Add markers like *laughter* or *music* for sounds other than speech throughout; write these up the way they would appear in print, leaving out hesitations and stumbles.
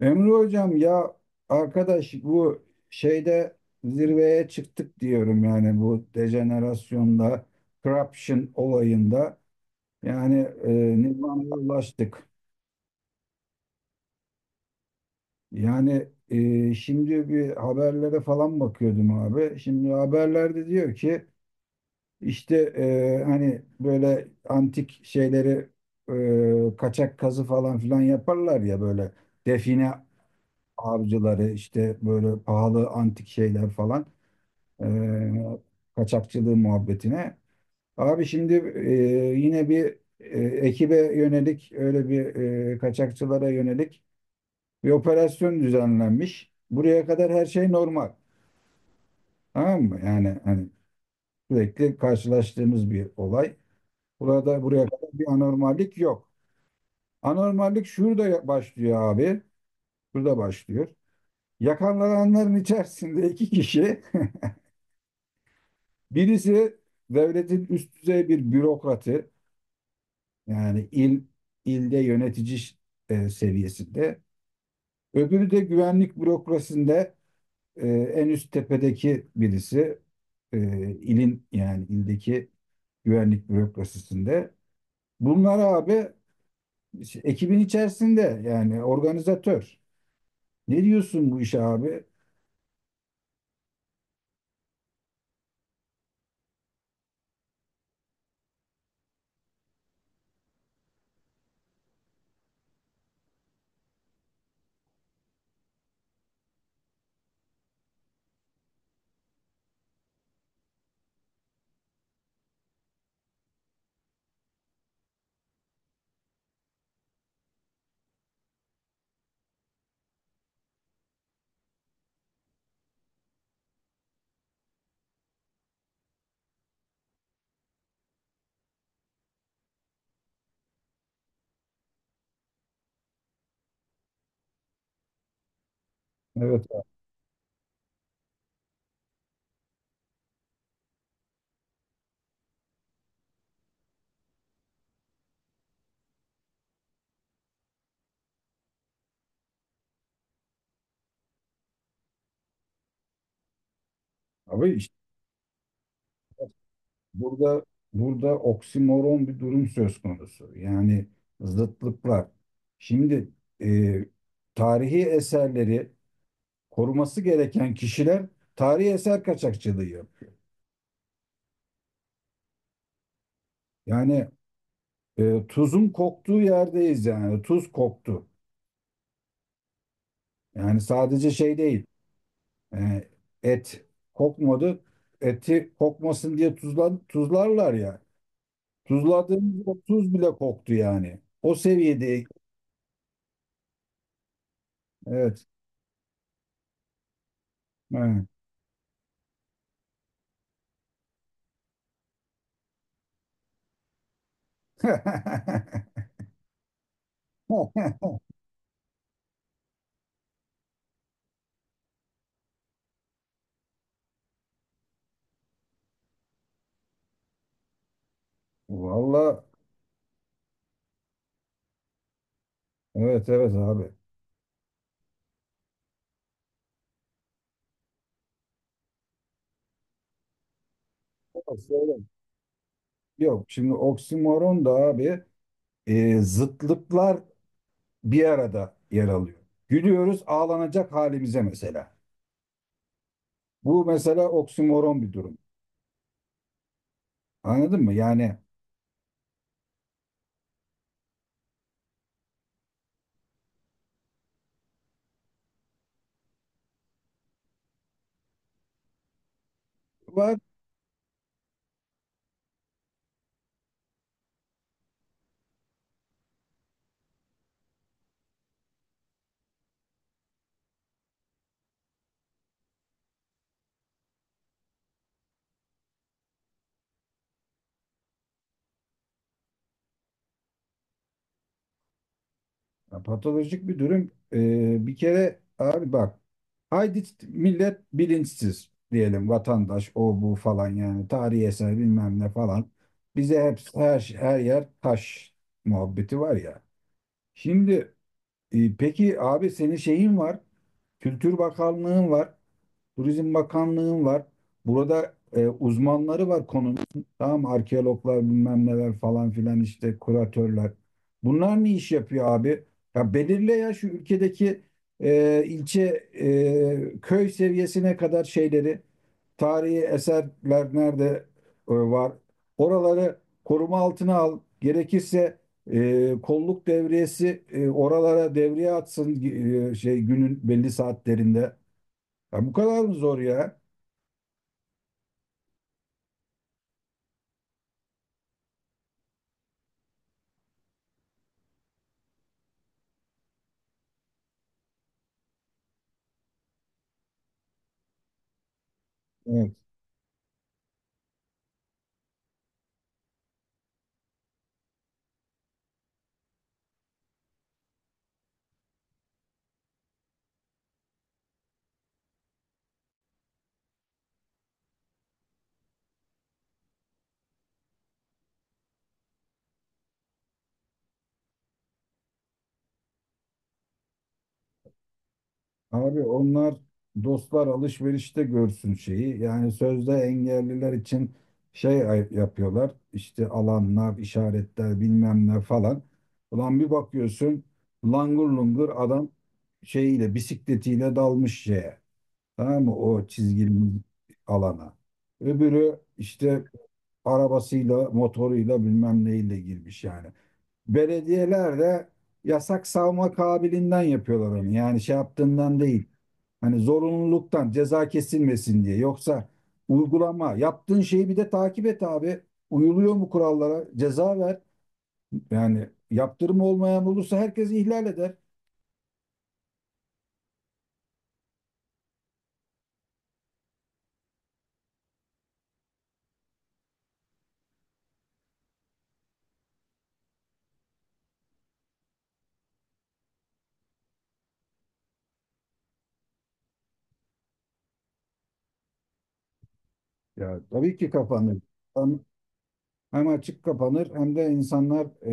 Emre hocam ya arkadaş bu şeyde zirveye çıktık diyorum yani bu dejenerasyonda, corruption olayında yani e, nirvana'ya ulaştık. Yani şimdi bir haberlere falan bakıyordum abi. Şimdi haberlerde diyor ki işte hani böyle antik şeyleri kaçak kazı falan filan yaparlar ya böyle define avcıları işte böyle pahalı antik şeyler falan. e, kaçakçılığı muhabbetine. Abi şimdi e, yine bir ekibe yönelik öyle bir kaçakçılara yönelik bir operasyon düzenlenmiş. Buraya kadar her şey normal. Tamam mı? Yani hani sürekli karşılaştığımız bir olay. Burada buraya kadar bir anormallik yok. Anormallik şurada başlıyor abi. Şurada başlıyor. Yakalananların içerisinde iki kişi. *laughs* Birisi devletin üst düzey bir bürokratı. Yani ilde yönetici seviyesinde. Öbürü de güvenlik bürokrasisinde en üst tepedeki birisi e, ilin yani ildeki güvenlik bürokrasisinde. Bunlar abi işte ekibin içerisinde yani organizatör. Ne diyorsun bu işe abi? Evet abi işte burada burada oksimoron bir durum söz konusu. Yani zıtlıklar. Şimdi e, tarihi eserleri koruması gereken kişiler tarihi eser kaçakçılığı yapıyor. Yani tuzun koktuğu yerdeyiz yani tuz koktu. Yani sadece şey değil e, et kokmadı eti kokmasın diye tuzlarlar ya. Tuzladığımız o tuz bile koktu yani. O seviyede evet. Evet. *laughs* Valla evet evet abi. Ama söyle. Yok şimdi oksimoron da abi zıtlıklar bir arada yer alıyor. Gülüyoruz ağlanacak halimize mesela. Bu mesela oksimoron bir durum. Anladın mı? Yani var ya, patolojik bir durum. Bir kere abi bak, haydi millet bilinçsiz diyelim, vatandaş o bu falan yani tarihi eser bilmem ne falan. Bize hep her yer taş muhabbeti var ya. Şimdi peki abi senin şeyin var. Kültür Bakanlığın var. Turizm Bakanlığı'nın var. Burada uzmanları var konunun. Tamam mı? Arkeologlar bilmem neler falan filan işte kuratörler. Bunlar ne iş yapıyor abi? Ya belirle ya şu ülkedeki ilçe köy seviyesine kadar şeyleri, tarihi eserler nerede var? Oraları koruma altına al. Gerekirse kolluk devriyesi oralara devriye atsın şey, günün belli saatlerinde. Ya bu kadar mı zor ya? Evet. Abi onlar dostlar alışverişte görsün şeyi. Yani sözde engelliler için yapıyorlar. İşte alanlar, işaretler bilmem ne falan. Ulan bir bakıyorsun, langur lungur adam şeyiyle, bisikletiyle dalmış şeye. Tamam mı? O çizgili alana. Öbürü işte arabasıyla, motoruyla bilmem neyle girmiş yani. Belediyeler de yasak savma kabiliğinden yapıyorlar onu. Yani şey yaptığından değil. Hani zorunluluktan ceza kesilmesin diye. Yoksa uygulama yaptığın şeyi bir de takip et abi. Uyuluyor mu kurallara? Ceza ver. Yani yaptırım olmayan olursa herkes ihlal eder. Ya tabii ki kapanır. Hem hem açık kapanır hem de insanlar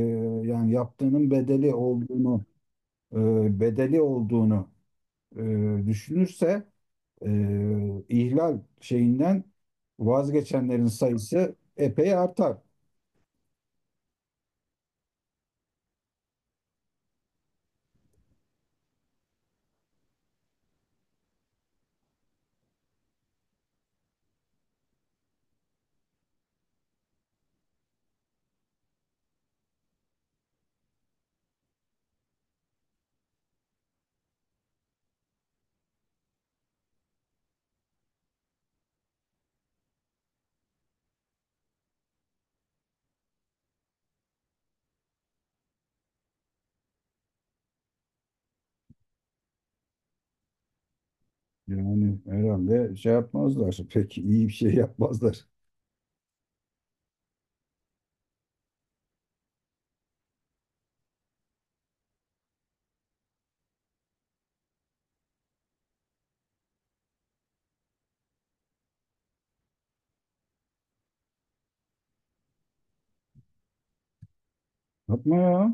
yani yaptığının bedeli olduğunu e, bedeli olduğunu düşünürse ihlal şeyinden vazgeçenlerin sayısı epey artar. Yani herhalde şey yapmazlar. *laughs* Pek iyi bir şey yapmazlar. Yapma ya.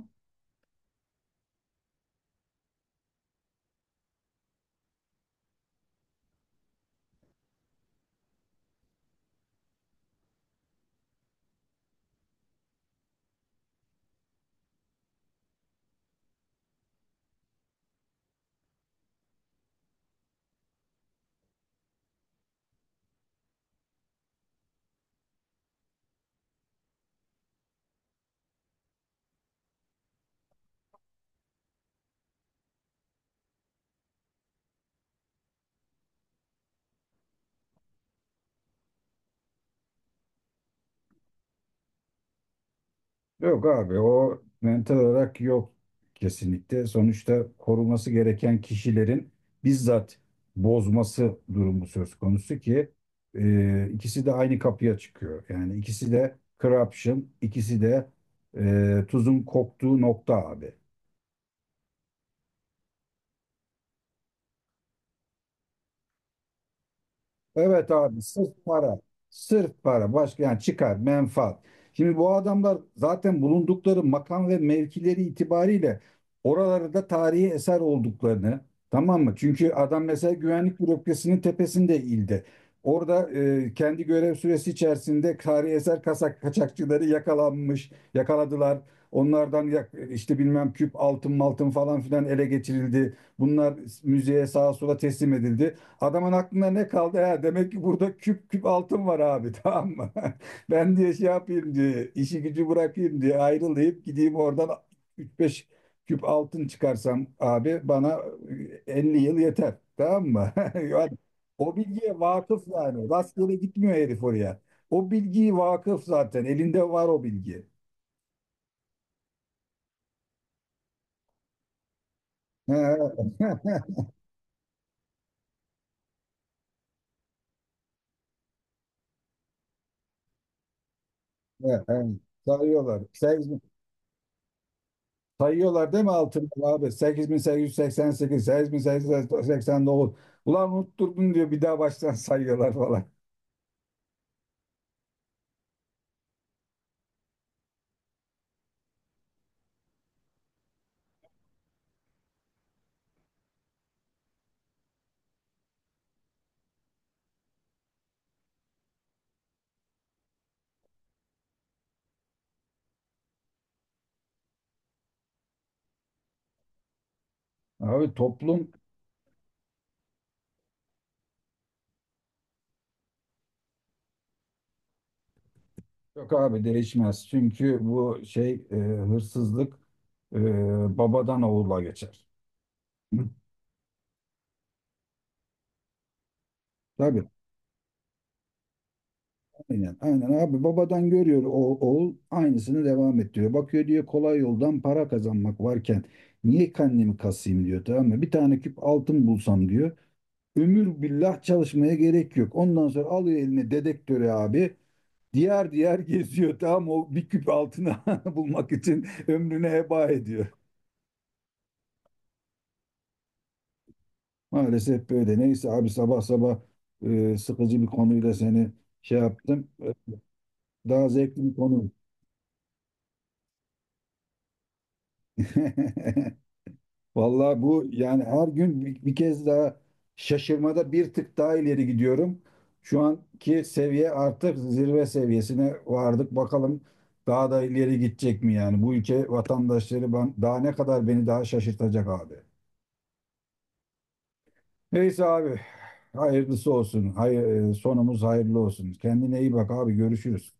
Yok abi o mental olarak yok kesinlikle. Sonuçta koruması gereken kişilerin bizzat bozması durumu söz konusu ki ikisi de aynı kapıya çıkıyor. Yani ikisi de corruption, ikisi de tuzun koktuğu nokta abi. Evet abi sırf para. Sırf para. Başka yani çıkar, menfaat. Şimdi bu adamlar zaten bulundukları makam ve mevkileri itibariyle oralarda tarihi eser olduklarını, tamam mı? Çünkü adam mesela güvenlik bürokrasinin tepesinde ildi. Orada kendi görev süresi içerisinde tarihi eser kaçakçıları yakalanmış, yakaladılar. Onlardan işte bilmem küp altın maltın falan filan ele geçirildi. Bunlar müzeye, sağa sola teslim edildi. Adamın aklına ne kaldı? Ha, demek ki burada küp küp altın var abi, *laughs* tamam mı? Ben diye şey yapayım, diye işi gücü bırakayım, diye ayrılayıp gideyim oradan, üç beş küp altın çıkarsam abi bana 50 yıl yeter, tamam mı? *laughs* Yani o bilgiye vakıf yani. Rastgele gitmiyor herif oraya. O bilgiyi vakıf zaten. Elinde var o bilgi. *laughs* He, he, he. He, he. Sarıyorlar. Sayıyorlar değil mi altını abi? Sekiz, sekiz, sekiz yüz seksen sekiz, sekiz bin, bin yüz, yüz seksen, seksen 8889. Ulan unutturdun diyor, bir daha baştan *laughs* sayıyorlar falan. Abi toplum, yok abi değişmez. Çünkü bu şey hırsızlık babadan oğula geçer. *laughs* Hı. Tabii, aynen, aynen abi, babadan görüyor, oğul aynısını devam ettiriyor. Bakıyor diyor kolay yoldan para kazanmak varken niye kendimi kasayım diyor, tamam mı? Bir tane küp altın bulsam diyor. Ömür billah çalışmaya gerek yok. Ondan sonra alıyor eline dedektörü abi. Diğer *laughs* geziyor, tamam o bir küp altını *laughs* bulmak için ömrünü heba ediyor. Maalesef böyle. Neyse abi, sabah sabah sıkıcı bir konuyla seni şey yaptım. Daha zevkli bir konu. *laughs* Vallahi bu yani her gün bir kez daha şaşırmada bir tık daha ileri gidiyorum. Şu anki seviye, artık zirve seviyesine vardık. Bakalım daha da ileri gidecek mi yani? Bu ülke vatandaşları ben, daha ne kadar beni daha şaşırtacak abi. Neyse abi, hayırlısı olsun. Hayır, sonumuz hayırlı olsun. Kendine iyi bak abi, görüşürüz.